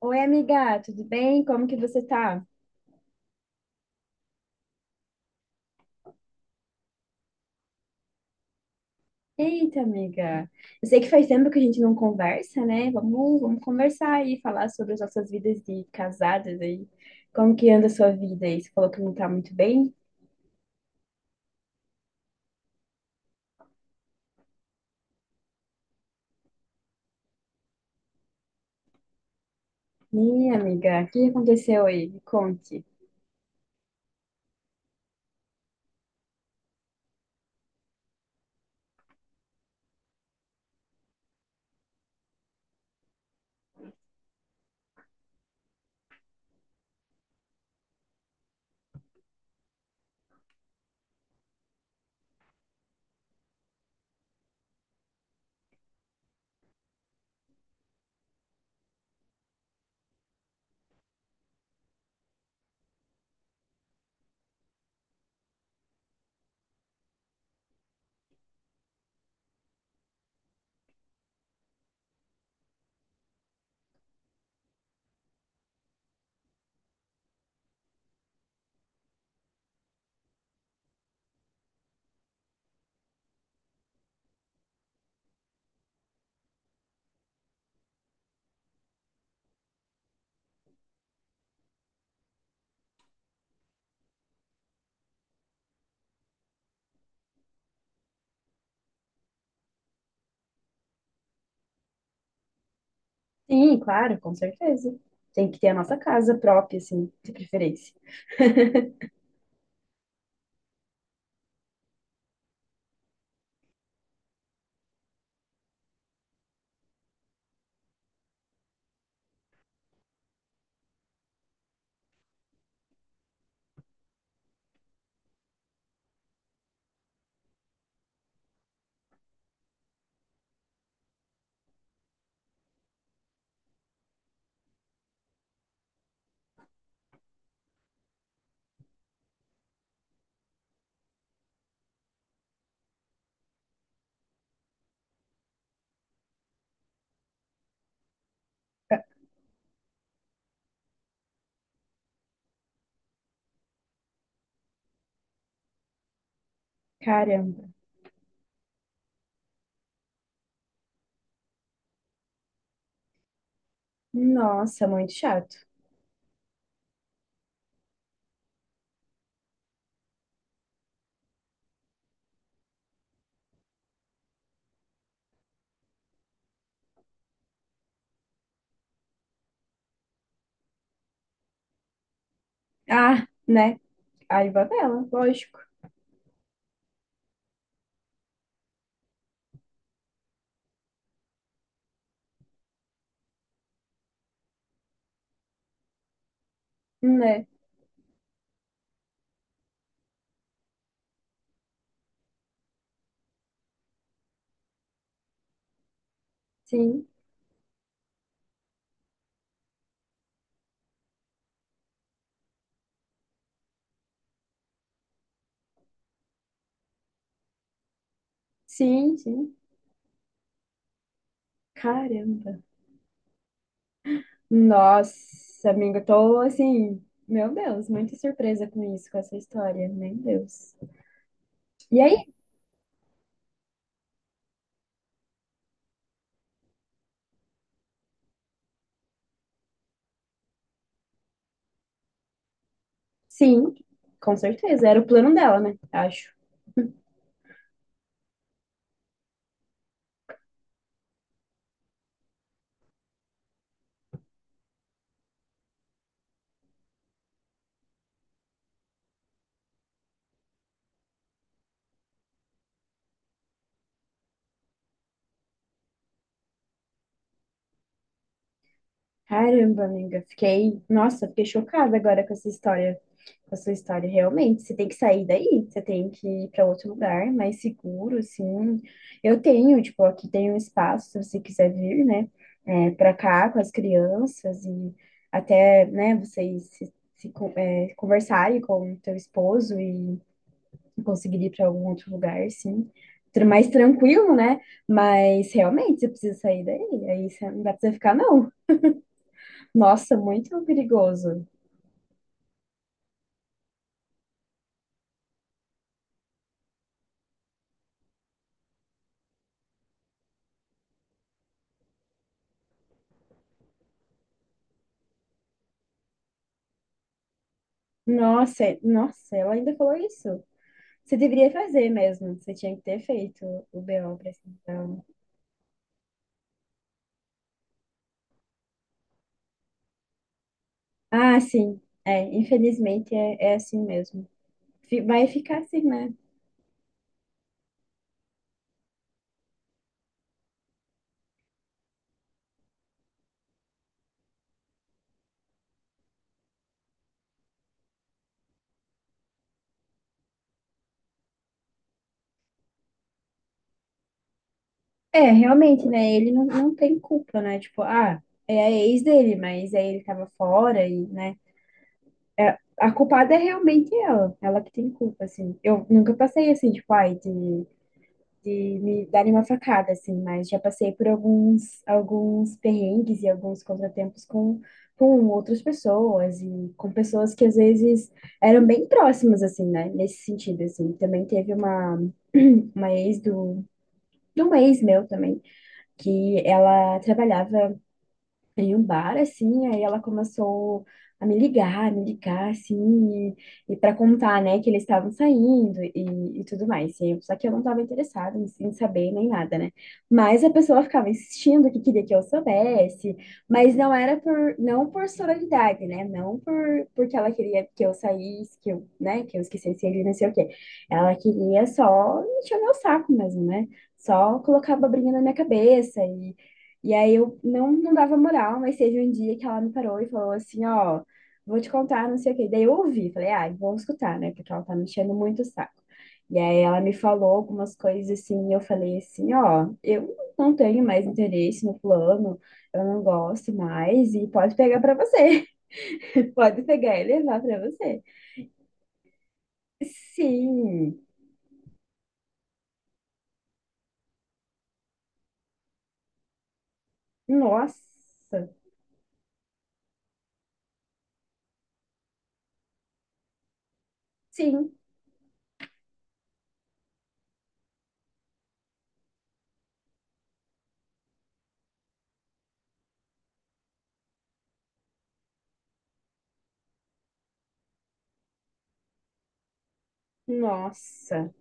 Oi, amiga, tudo bem? Como que você tá? Eita, amiga. Eu sei que faz tempo que a gente não conversa, né? Vamos conversar aí, falar sobre as nossas vidas de casadas aí. Como que anda a sua vida aí? Você falou que não tá muito bem? Ih, amiga, o que aconteceu aí? Me conte. Sim, claro, com certeza. Tem que ter a nossa casa própria, assim, de preferência. Ah, caramba. Nossa, muito chato. Ah, né? Aí vai ela, lógico, né? Sim, sim, sim. Caramba. Nossa, amiga, tô assim, meu Deus, muito surpresa com isso, com essa história. Meu Deus. E aí? Sim, com certeza. Era o plano dela, né? Acho. Caramba, amiga, fiquei, nossa, fiquei chocada agora com essa história, com a sua história, realmente, você tem que sair daí, você tem que ir para outro lugar mais seguro, assim, eu tenho, tipo, aqui tem um espaço, se você quiser vir, né, é, para cá com as crianças e até, né, vocês se, se con- é, conversarem com o teu esposo e conseguir ir para algum outro lugar, sim, mais tranquilo, né, mas realmente você precisa sair daí, aí você não dá pra você ficar, não. Nossa, muito perigoso. Nossa, nossa, ela ainda falou isso. Você deveria fazer mesmo. Você tinha que ter feito o BO pra essa então. Ah, sim. É, infelizmente é, é assim mesmo. Vai ficar assim, né? É, realmente, né? Ele não, não tem culpa, né? Tipo, ah, é a ex dele, mas aí ele tava fora e, né? É, a culpada é realmente ela. Ela que tem culpa, assim. Eu nunca passei assim, tipo, ai, de me darem uma facada, assim, mas já passei por alguns perrengues e alguns contratempos com outras pessoas e com pessoas que às vezes eram bem próximas, assim, né? Nesse sentido, assim. Também teve uma, uma ex do, de um ex meu também, que ela trabalhava em um bar, assim, aí ela começou a me ligar, assim, e para contar, né, que eles estavam saindo e tudo mais. Só que eu não estava interessada em, em saber nem nada, né? Mas a pessoa ficava insistindo que queria que eu soubesse, mas não era por, não por sororidade, né? Não por, porque ela queria que eu saísse, que eu, né, que eu esquecesse ele, não sei o quê. Ela queria só encher o meu saco mesmo, né? Só colocar a abobrinha na minha cabeça e aí eu não, não dava moral, mas teve um dia que ela me parou e falou assim, ó, vou te contar, não sei o quê. Daí eu ouvi, falei, ai, vou escutar, né? Porque ela tá me enchendo muito o saco. E aí ela me falou algumas coisas assim, e eu falei assim, ó, eu não tenho mais interesse no plano, eu não gosto mais, e pode pegar pra você. Pode pegar e levar pra você. Sim, nossa, sim, nossa.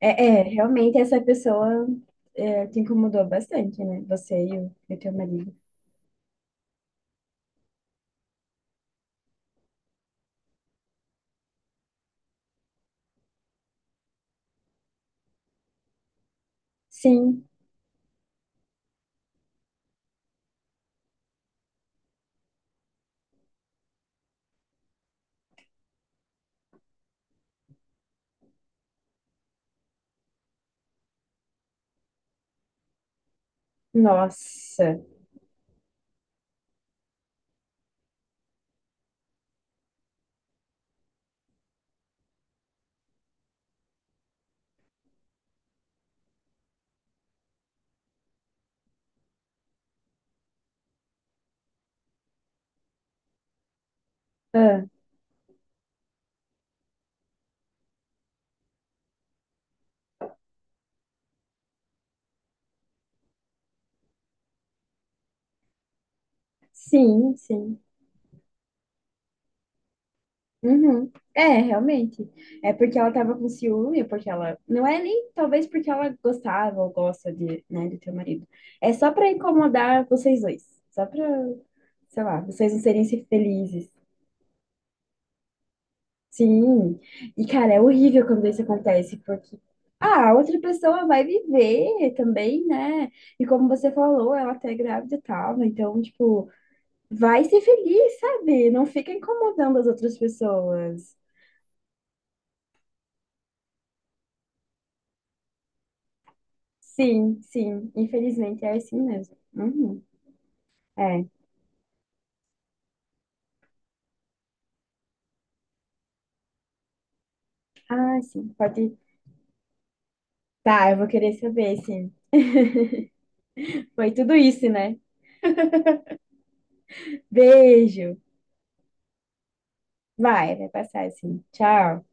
É, é, realmente essa pessoa é, te incomodou bastante, né? Você e o teu marido. Sim, nossa. Ah, sim, sim. Uhum. É, realmente. É porque ela tava com ciúme, porque ela. Não é nem talvez porque ela gostava ou gosta de, né, do teu marido. É só pra incomodar vocês dois. Só pra, sei lá, vocês não serem felizes. Sim, e cara, é horrível quando isso acontece, porque ah, a outra pessoa vai viver também, né? E como você falou, ela tá grávida e tal, né? Então, tipo, vai ser feliz, sabe? Não fica incomodando as outras pessoas. Sim, sim, infelizmente é assim mesmo. Uhum. É, ah, sim, pode. Tá, eu vou querer saber, sim. Foi tudo isso, né? Beijo. Vai, vai passar, sim. Tchau.